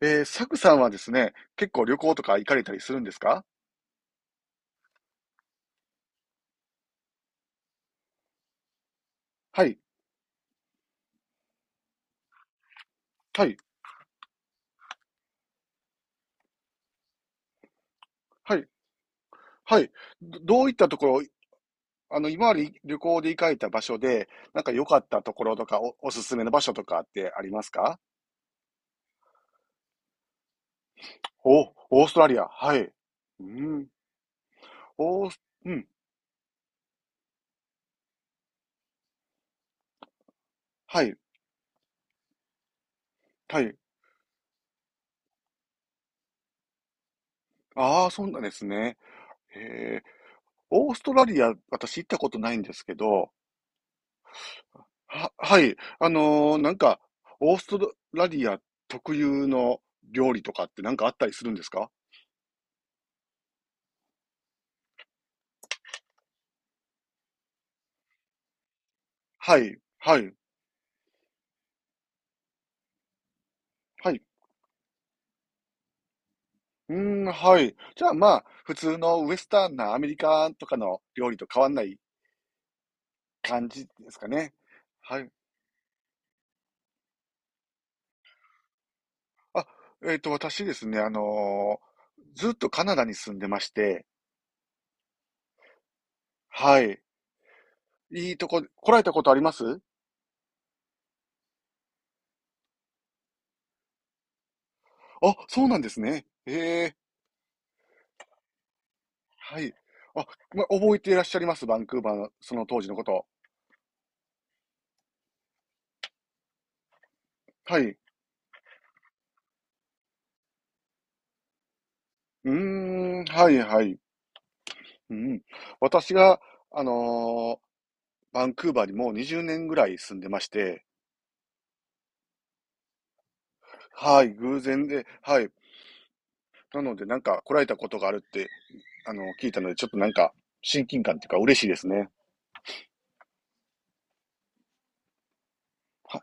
サクさんはですね、結構旅行とか行かれたりするんですか？はい、はい、はい、はい。どういったところ、あの、今まで旅行で行かれた場所で、なんか良かったところとか、おすすめの場所とかってありますか？お、オーストラリア、はい。うん、オース、うん、はい、はい。ああ、そうなんですね。へえ、オーストラリア、私行ったことないんですけど、は、はい。なんか、オーストラリア特有の料理とかってなんかあったりするんですか？はい、はい、はい。うーん、はい。じゃあまあ、普通のウエスタンなアメリカンとかの料理と変わんない感じですかね。はい。あ、えっと、私ですね、ずっとカナダに住んでまして、はい。いいとこ、来られたことあります？あ、そうなんですね。ええ、はい。あ、ま、覚えていらっしゃいます？バンクーバーのその当時のこと。はい。うーん、はいはい。うん。私が、あのーバンクーバーにもう20年ぐらい住んでまして、はい、偶然で、はい。なので、なんか来られたことがあるって、あの、聞いたので、ちょっとなんか、親近感っていうか嬉しいですね。は、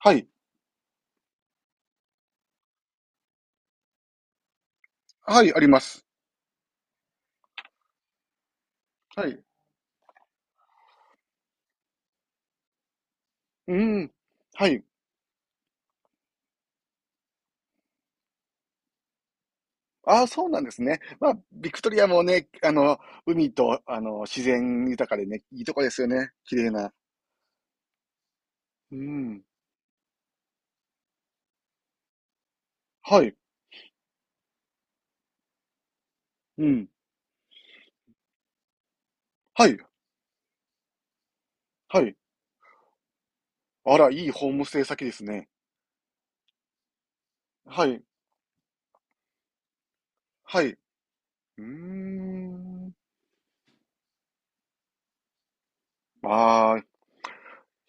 はい。はい、あります。はい。うん。はい。ああ、そうなんですね。まあ、ビクトリアもね、あの、海と、あの、自然豊かでね、いいとこですよね。綺麗な。うん。はい。うん。はい。はい。あら、いいホームステイ先ですね。はい、はい。うーん。ああ、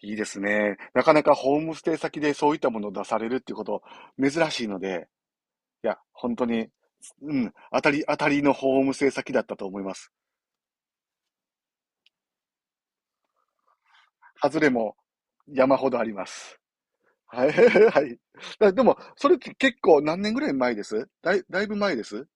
いいですね。なかなかホームステイ先でそういったものを出されるっていうこと、珍しいので、いや、本当に、うん、当たりのホームステイ先だったと思います。外れも山ほどあります。はい、はい。でも、それって結構何年ぐらい前です？だいぶ前です？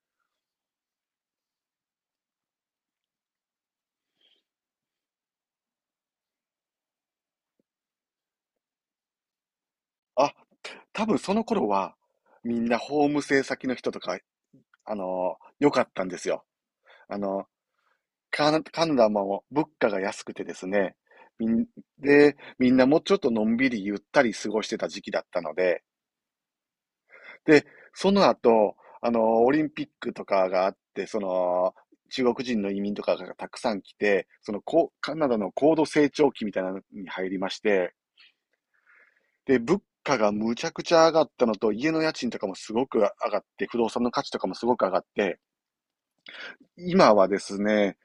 あ、多分その頃は、みんなホームステイ先の人とか、あの良かったんですよ。あのカナダも物価が安くてですね、みん、で、みんなもうちょっとのんびりゆったり過ごしてた時期だったので、で、その後、あの、オリンピックとかがあって、その、中国人の移民とかがたくさん来て、その、こう、カナダの高度成長期みたいなのに入りまして、で、物価がむちゃくちゃ上がったのと、家の家賃とかもすごく上がって、不動産の価値とかもすごく上がって、今はですね、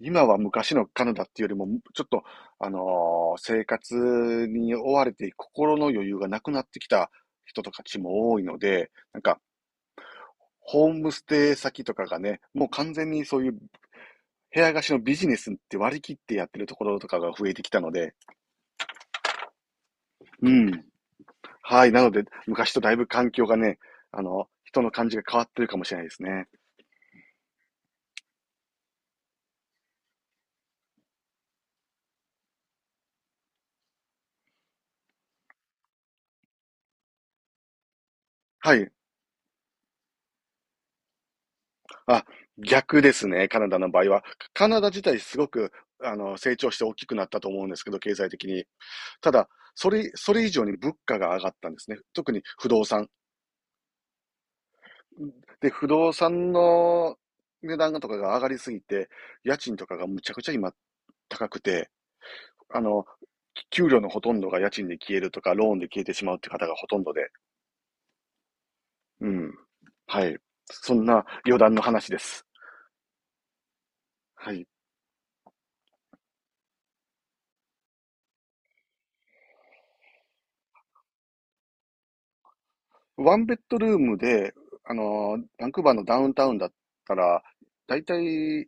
今は昔のカナダっていうよりも、ちょっと、あの生活に追われて心の余裕がなくなってきた人たちも多いので、なんか、ホームステイ先とかがね、もう完全にそういう部屋貸しのビジネスって割り切ってやってるところとかが増えてきたので、うん。はい。なので、昔とだいぶ環境がね、あの、人の感じが変わってるかもしれないですね。はい。あ、逆ですね、カナダの場合は。カナダ自体すごく、あの、成長して大きくなったと思うんですけど、経済的に。ただ、それ以上に物価が上がったんですね。特に不動産。で、不動産の値段とかが上がりすぎて、家賃とかがむちゃくちゃ今高くて、あの、給料のほとんどが家賃で消えるとか、ローンで消えてしまうって方がほとんどで。うん。はい。そんな余談の話です。はい。ワンベッドルームで、あの、バンクーバーのダウンタウンだったら、だいたい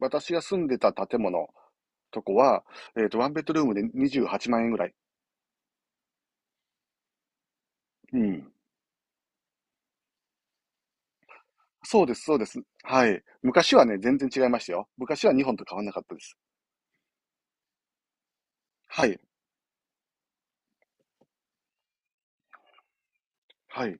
私が住んでた建物とこは、えっと、ワンベッドルームで28万円ぐらい。うん。そうです、そうです。はい。昔はね、全然違いましたよ。昔は日本と変わんなかったです。はい。はい。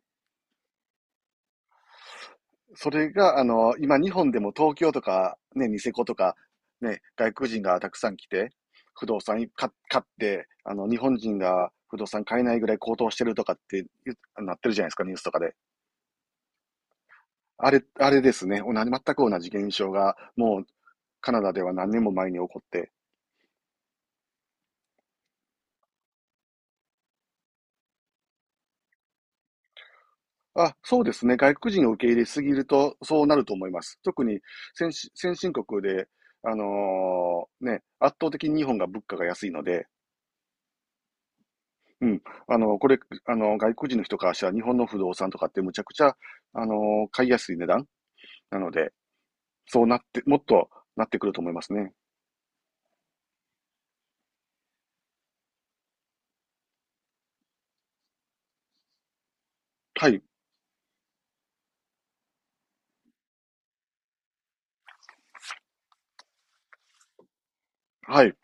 それが、あの、今日本でも東京とか、ね、ニセコとか、ね、外国人がたくさん来て、不動産か買って、あの、日本人が不動産買えないぐらい高騰してるとかって言うなってるじゃないですか、ニュースとかで。あれ、あれですね。同じ、全く同じ現象が、もう、カナダでは何年も前に起こって。あ、そうですね。外国人を受け入れすぎると、そうなると思います。特に先進国で、ね、圧倒的に日本が物価が安いので、うん。あの、これ、あの、外国人の人からしたら日本の不動産とかってむちゃくちゃ、あの、買いやすい値段なので、そうなって、もっとなってくると思いますね。はい。はい。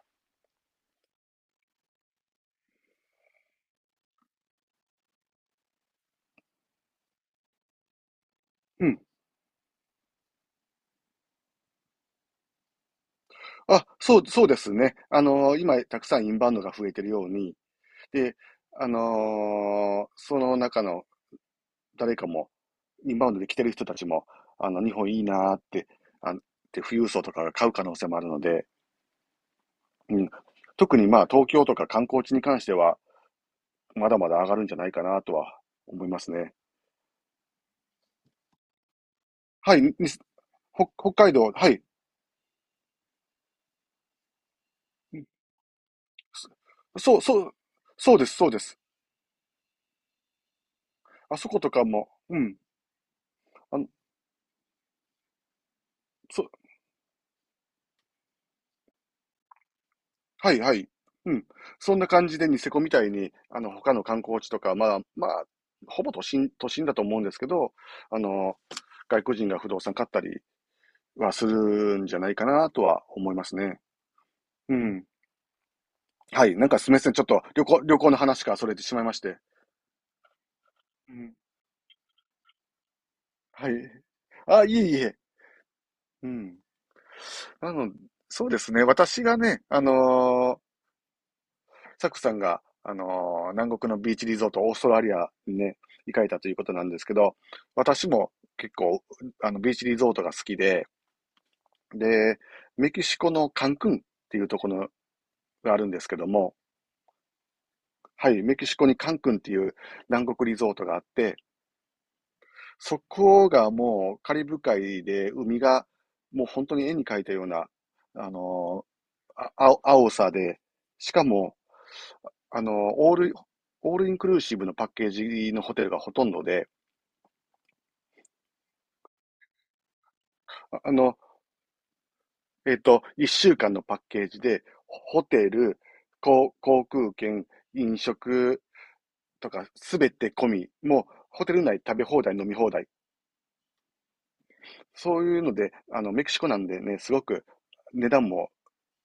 うん。そう、そうですね。あの、今、たくさんインバウンドが増えてるように、で、その中の誰かも、インバウンドで来てる人たちも、あの、日本いいなーって、あ、って富裕層とかが買う可能性もあるので、うん。特にまあ、東京とか観光地に関しては、まだまだ上がるんじゃないかなとは思いますね。はい、北北海道、はい。そそう、そう、そうです、そうです。あそことかも、うん。あの、そう、はい、はい。うん。そんな感じでニセコみたいに、あの、他の観光地とか、まあ、まあ、ほぼ都心だと思うんですけど、あの、外国人が不動産買ったりはするんじゃないかなとは思いますね。うん。はい。なんかすみません。ちょっと旅行の話からそれてしまいまして。うん。はい。あ、いえいえ。うん。あの、そうですね。私がね、サクさんが、南国のビーチリゾート、オーストラリアにね、行かれたということなんですけど、私も結構、あの、ビーチリゾートが好きで、で、メキシコのカンクンっていうところがあるんですけども、はい、メキシコにカンクンっていう南国リゾートがあって、そこがもうカリブ海で海がもう本当に絵に描いたような、あの青青さで、しかも、あの、オールインクルーシブのパッケージのホテルがほとんどで、あの、えっと、1週間のパッケージで、ホテル、航空券、飲食とか、すべて込み、もう、ホテル内食べ放題、飲み放題。そういうので、あの、メキシコなんでね、すごく値段も、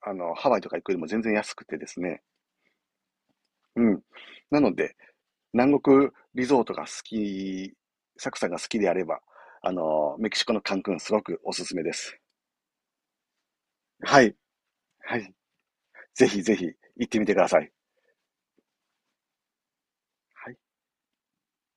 あの、ハワイとか行くよりも全然安くてですね。うん。なので、南国リゾートが好き、サクさんが好きであれば、あの、メキシコのカンクンすごくおすすめです。はい。はい。ぜひぜひ行ってみてください。はい。